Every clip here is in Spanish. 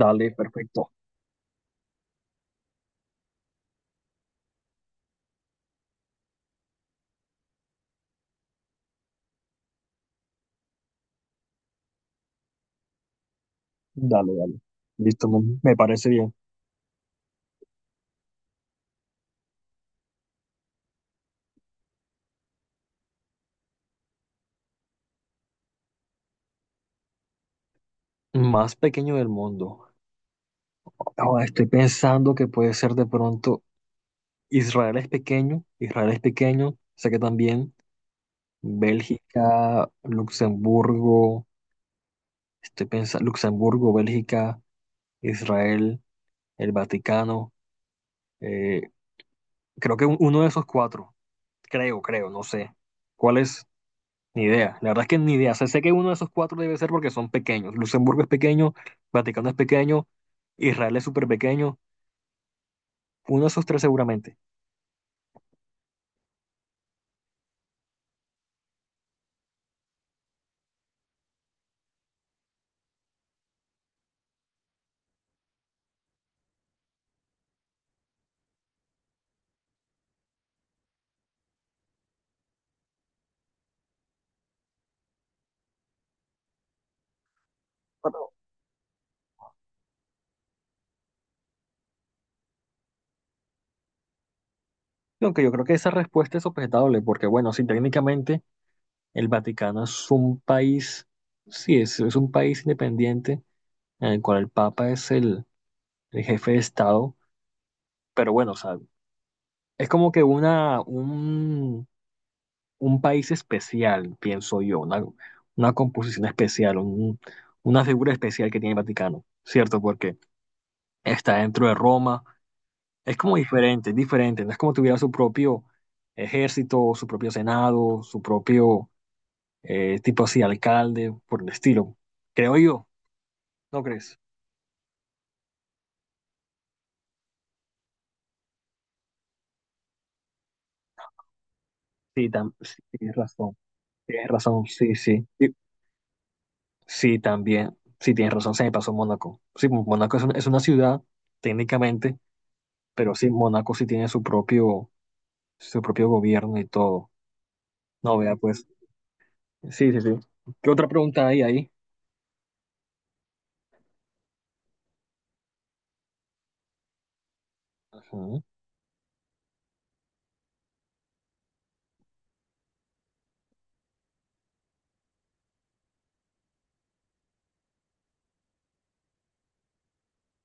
Dale, perfecto. Dale, dale. Listo, me parece bien. Más pequeño del mundo. Ahora estoy pensando que puede ser de pronto Israel es pequeño, sé que también Bélgica, Luxemburgo, estoy pensando Luxemburgo, Bélgica, Israel, el Vaticano. eh, Creo que uno de esos cuatro, creo, creo, no sé. ¿Cuál es? Ni idea, la verdad es que ni idea. O sea, sé que uno de esos cuatro debe ser porque son pequeños. Luxemburgo es pequeño, Vaticano es pequeño, Israel es súper pequeño. Uno de esos tres seguramente. Pero aunque yo creo que esa respuesta es objetable, porque bueno, sí, técnicamente el Vaticano es un país, sí, es un país independiente en el cual el Papa es el jefe de Estado, pero bueno, o sea, es como que una, un país especial, pienso yo, una composición especial, una figura especial que tiene el Vaticano, ¿cierto? Porque está dentro de Roma, es como diferente, es diferente, no es como tuviera su propio ejército, su propio senado, su propio tipo así, alcalde, por el estilo. Creo yo, ¿no crees? Sí, sí, tienes razón, sí, sí, sí, sí, también, sí, tienes razón, se me pasó Mónaco. Sí, Mónaco es una ciudad, técnicamente. Pero sí, Mónaco sí tiene su propio gobierno y todo. No, vea, pues. Sí, sí, sí. ¿Qué otra pregunta hay ahí? Ujú.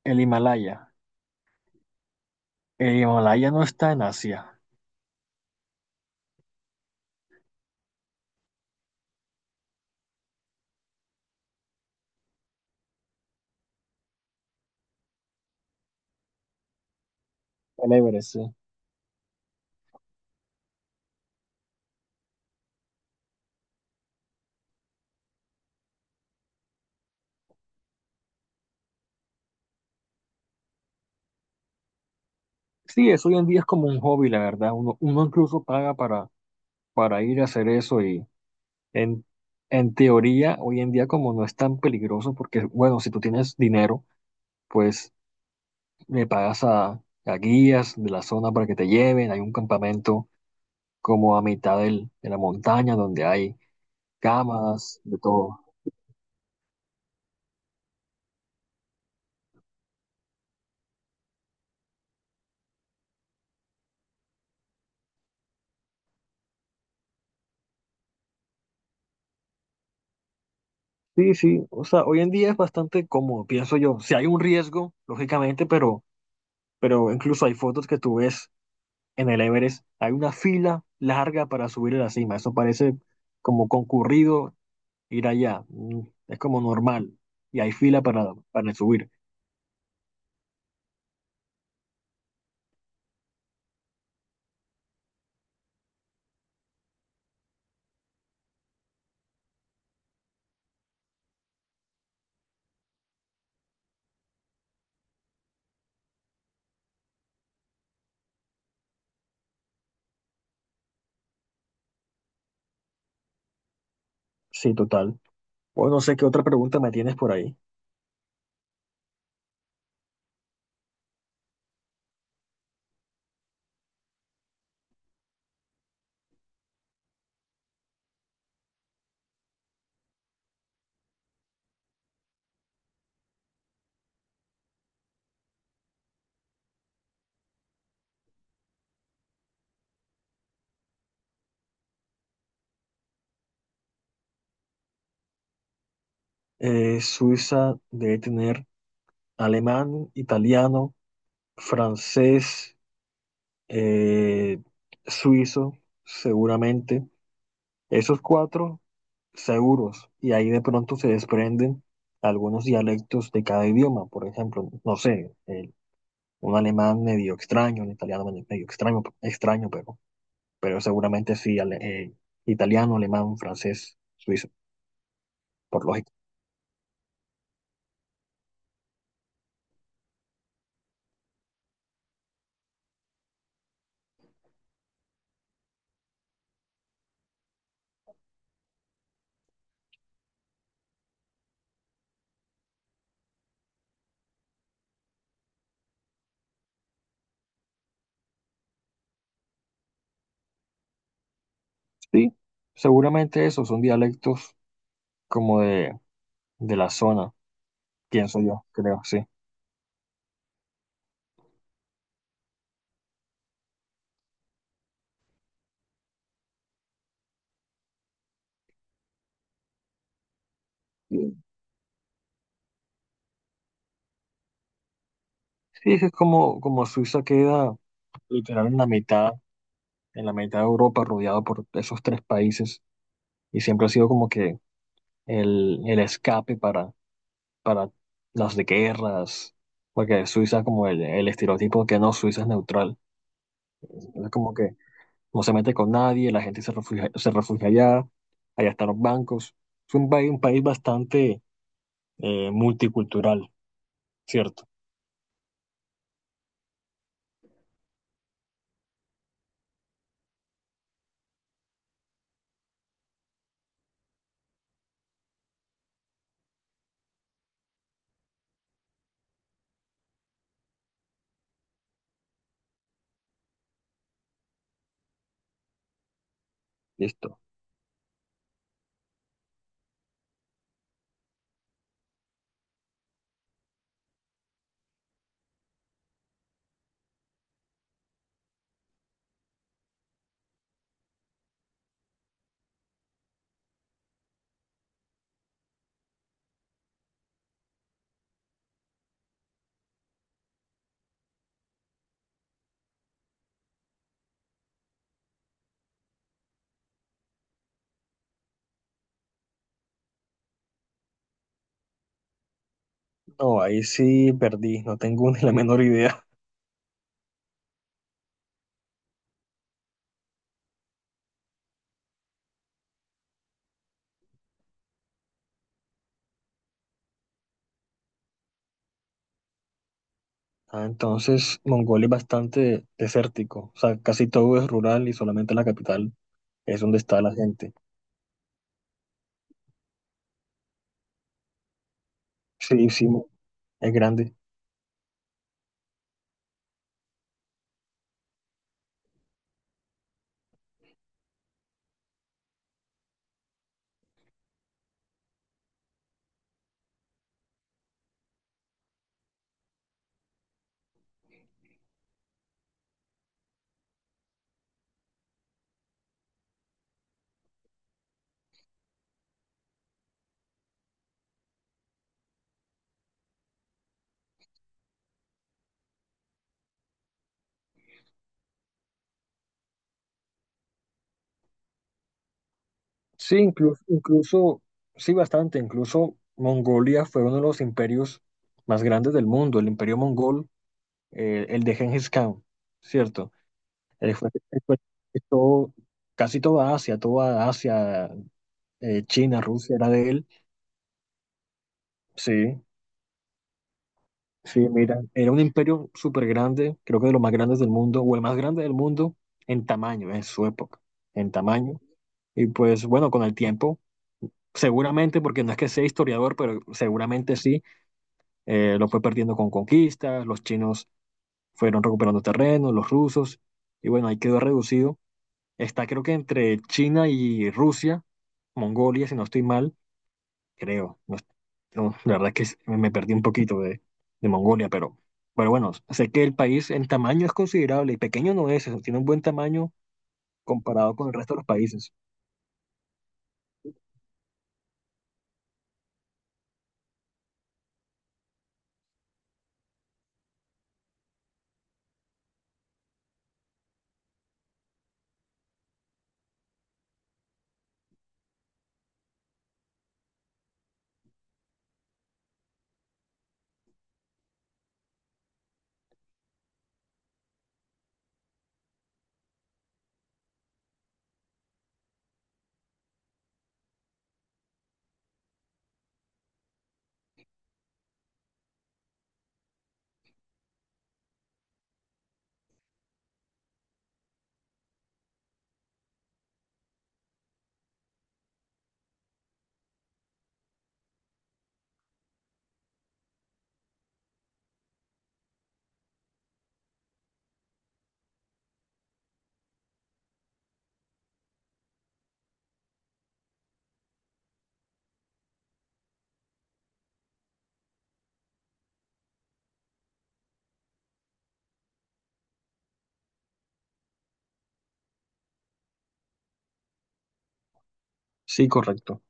El Himalaya. El Himalaya no está en Asia. El Everest, sí. Sí, eso hoy en día es como un hobby, la verdad. Uno, uno incluso paga para ir a hacer eso y en, en teoría, hoy en día como no es tan peligroso, porque bueno, si tú tienes dinero, pues le pagas a guías de la zona para que te lleven, hay un campamento como a mitad de la montaña donde hay camas, de todo. Sí, sí, o sea, hoy en día es bastante cómodo, pienso yo. Si hay un riesgo, lógicamente, pero incluso hay fotos que tú ves en el Everest, hay una fila larga para subir a la cima. Eso parece como concurrido ir allá. Es como normal y hay fila para subir. Sí, total. Bueno, no sé qué otra pregunta me tienes por ahí. Suiza debe tener alemán, italiano, francés. eh, Suizo, seguramente. Esos cuatro seguros, y ahí de pronto se desprenden algunos dialectos de cada idioma. Por ejemplo, no sé, un alemán medio extraño, un italiano medio extraño, extraño, pero seguramente sí, italiano, alemán, francés, suizo, por lógica. Sí, seguramente esos son dialectos como de la zona, pienso yo, creo, sí. Sí, sí, es como, como Suiza queda literal en la mitad de Europa, rodeado por esos tres países, y siempre ha sido como que el escape para las de guerras, porque Suiza es como el estereotipo que no, Suiza es neutral, es como que no se mete con nadie, la gente se refugia allá, allá están los bancos, es un país bastante multicultural, ¿cierto? Listo. No, ahí sí perdí, no tengo ni la menor idea. Ah, entonces Mongolia es bastante desértico, o sea, casi todo es rural y solamente la capital es donde está la gente. Sí, sí, es grande. Sí, incluso, incluso, sí, bastante, incluso Mongolia fue uno de los imperios más grandes del mundo, el imperio mongol, el de Genghis Khan, ¿cierto? Él fue, él fue- Todo, casi toda Asia, China, Rusia era de él, sí. Sí, mira, era un imperio súper grande, creo que de los más grandes del mundo, o el más grande del mundo en tamaño, en su época, en tamaño. Y pues bueno, con el tiempo, seguramente, porque no es que sea historiador, pero seguramente sí, lo fue perdiendo con conquistas, los chinos fueron recuperando terreno, los rusos, y bueno, ahí quedó reducido. Está creo que entre China y Rusia, Mongolia, si no estoy mal, creo. No, no, la verdad es que me perdí un poquito de Mongolia, pero bueno, sé que el país en tamaño es considerable y pequeño no es, o sea, tiene un buen tamaño comparado con el resto de los países. Sí, correcto.